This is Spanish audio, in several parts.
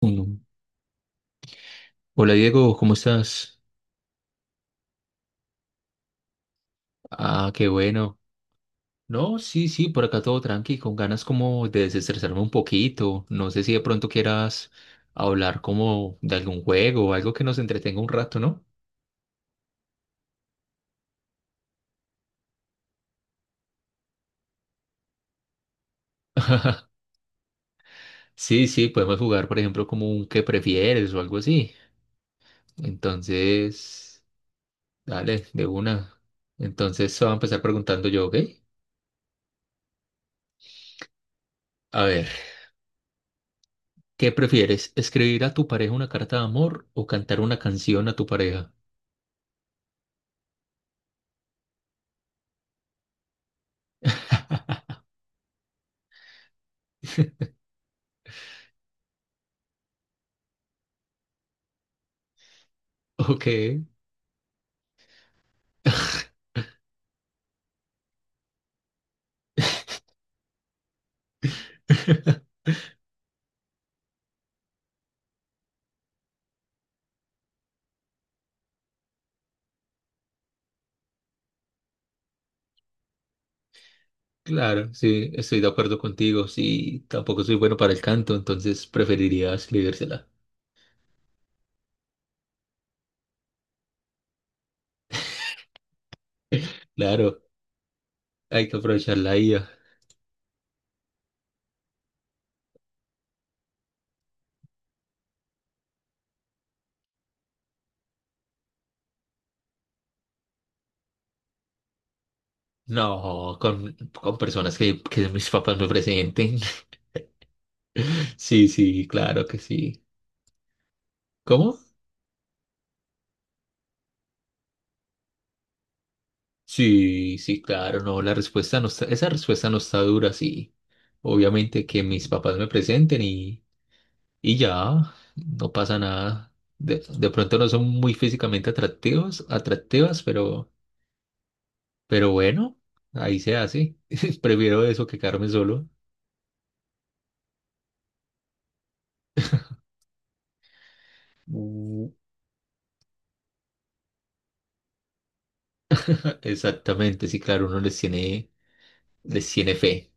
Uno. Hola Diego, ¿cómo estás? Ah, qué bueno. No, sí, sí, por acá todo tranqui, con ganas como de desestresarme un poquito. No sé si de pronto quieras hablar como de algún juego o algo que nos entretenga un rato, ¿no? Sí, sí, podemos jugar, por ejemplo, como un qué prefieres o algo así. Entonces, dale, de una. Entonces, voy a empezar preguntando yo, ¿ok? A ver, ¿qué prefieres? ¿Escribir a tu pareja una carta de amor o cantar una canción a tu pareja? Ok. Claro, sí, estoy de acuerdo contigo. Sí, tampoco soy bueno para el canto, entonces preferiría escribírsela. Claro, hay que aprovechar la IA. No, con personas que mis papás me presenten. Sí, sí, claro que sí. ¿Cómo? Sí, sí, claro, no, la respuesta no está, esa respuesta no está dura, sí. Obviamente que mis papás me presenten y ya, no pasa nada. De pronto no son muy físicamente atractivos, atractivas, pero bueno, ahí se hace. Prefiero eso que quedarme solo. Mm, Exactamente, sí, claro, uno les tiene fe.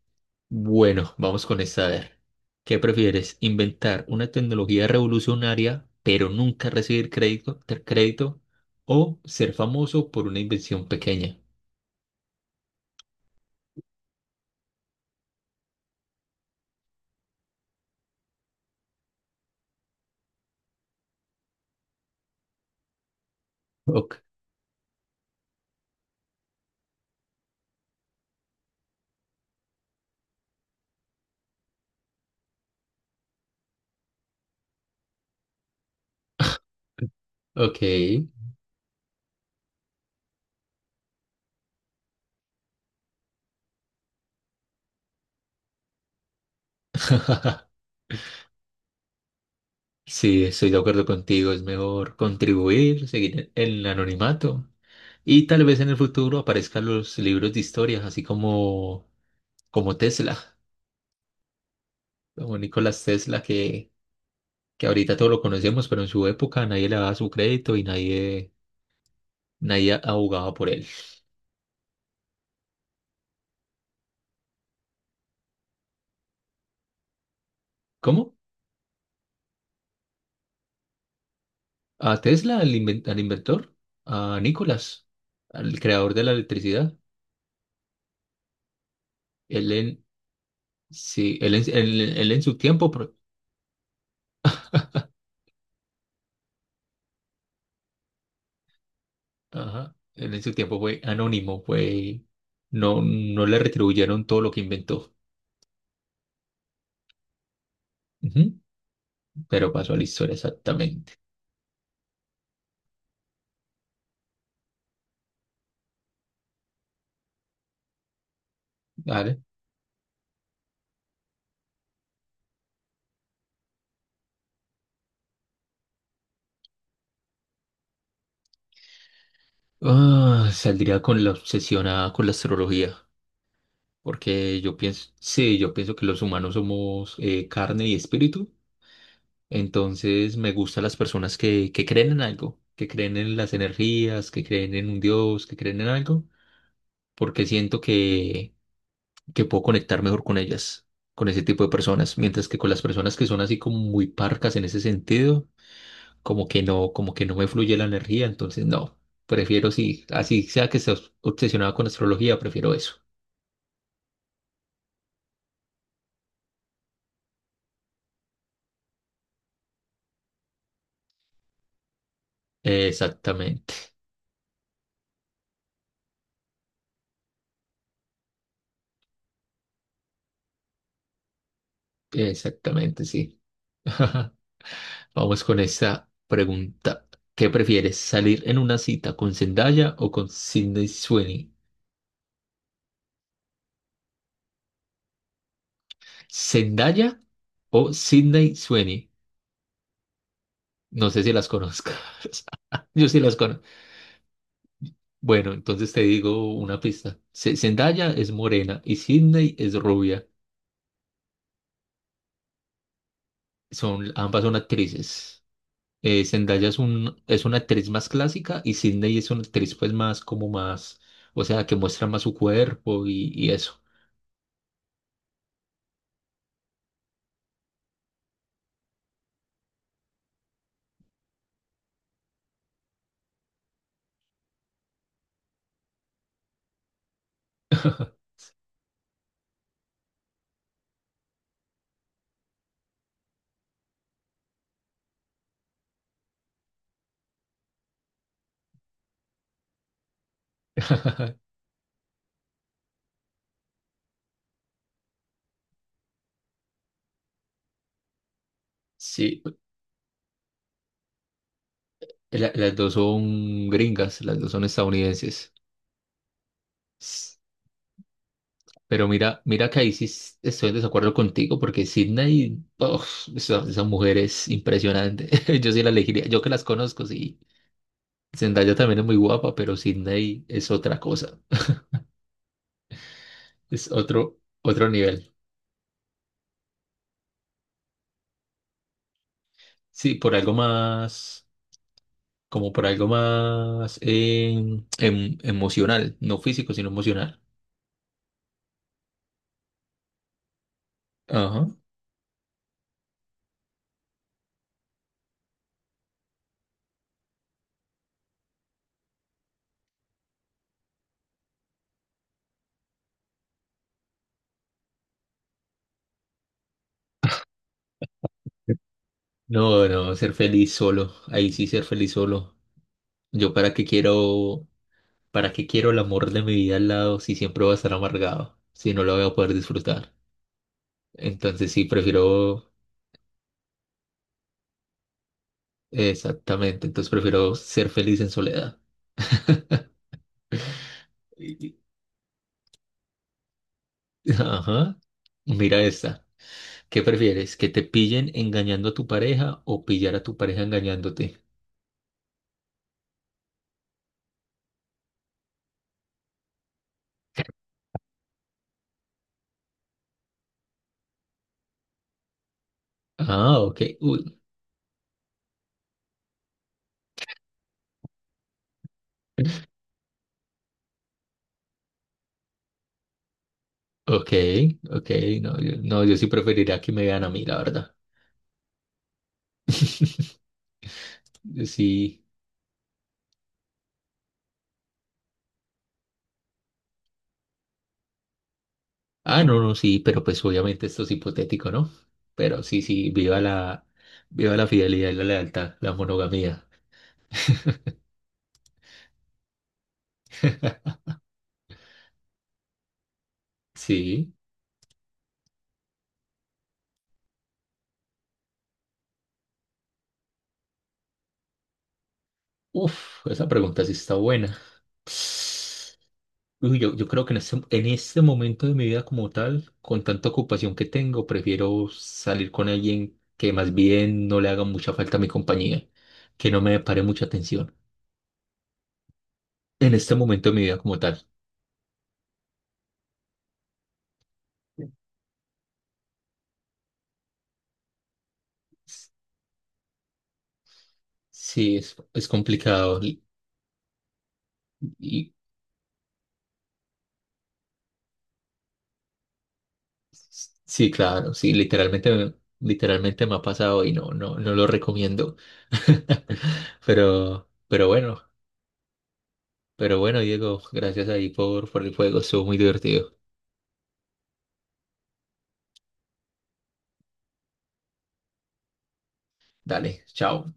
Bueno, vamos con esta. A ver, ¿qué prefieres? ¿Inventar una tecnología revolucionaria, pero nunca recibir crédito, crédito? ¿O ser famoso por una invención pequeña? Ok. Ok. Sí, estoy de acuerdo contigo. Es mejor contribuir, seguir en el anonimato. Y tal vez en el futuro aparezcan los libros de historias, así como, como Tesla, como Nicolás Tesla, que ahorita todo lo conocemos, pero en su época nadie le daba su crédito y nadie, nadie abogaba por él. ¿Cómo? ¿A Tesla, al, al inventor? ¿A Nicolás, al creador de la electricidad? Él en, sí, él en, él en su tiempo, ajá, él en su tiempo fue anónimo, fue, no, no le retribuyeron todo lo que inventó, ujú, pero pasó a la historia exactamente. Dale. Ah, saldría con la obsesionada con la astrología, porque yo pienso, sí, yo pienso que los humanos somos carne y espíritu, entonces me gustan las personas que creen en algo, que creen en las energías, que creen en un Dios, que creen en algo, porque siento que puedo conectar mejor con ellas, con ese tipo de personas, mientras que con las personas que son así como muy parcas en ese sentido, como que no me fluye la energía, entonces no, prefiero si, así sea que estés obsesionado con astrología, prefiero eso. Exactamente, exactamente, sí. Vamos con esta pregunta. ¿Qué prefieres, salir en una cita con Zendaya o con Sydney Sweeney? ¿Zendaya o Sydney Sweeney? No sé si las conozcas. Yo sí las conozco. Bueno, entonces te digo una pista. Zendaya es morena y Sydney es rubia. Son, ambas son actrices. Zendaya es un, es una actriz más clásica y Sydney es una actriz pues más como más, o sea, que muestra más su cuerpo y eso. Sí, las dos son gringas, las dos son estadounidenses. S- Pero mira, mira que ahí sí estoy en desacuerdo contigo porque Sydney, uf, esa mujer es impresionante. Yo sí la elegiría, yo que las conozco, sí. Zendaya también es muy guapa, pero Sydney es otra cosa, es otro, otro nivel. Sí, por algo más, como por algo más emocional, no físico, sino emocional. Ajá. No, no, ser feliz solo. Ahí sí ser feliz solo. Yo para qué quiero el amor de mi vida al lado si siempre voy a estar amargado, si no lo voy a poder disfrutar. Entonces sí, prefiero, exactamente, entonces prefiero ser feliz en soledad. Y- Ajá. Mira esta. ¿Qué prefieres? ¿Que te pillen engañando a tu pareja o pillar a tu pareja engañándote? Ah, ok. Uy, ok, ok. No, yo, no, yo sí preferiría que me vean a mí, la verdad. Sí. Ah, no, no, sí, pero pues obviamente esto es hipotético, ¿no? Pero sí, sí, viva la fidelidad y la lealtad, la monogamía. Sí. Uf, esa pregunta sí está buena. Uy, yo creo que en este momento de mi vida como tal, con tanta ocupación que tengo, prefiero salir con alguien que más bien no le haga mucha falta a mi compañía, que no me pare mucha atención. En este momento de mi vida como tal, s- sí, es complicado. Y- sí, claro, sí, literalmente, literalmente me ha pasado y no, no, no lo recomiendo. Pero, pero bueno, pero bueno, Diego, gracias ahí por el juego, estuvo muy divertido. Dale, chao.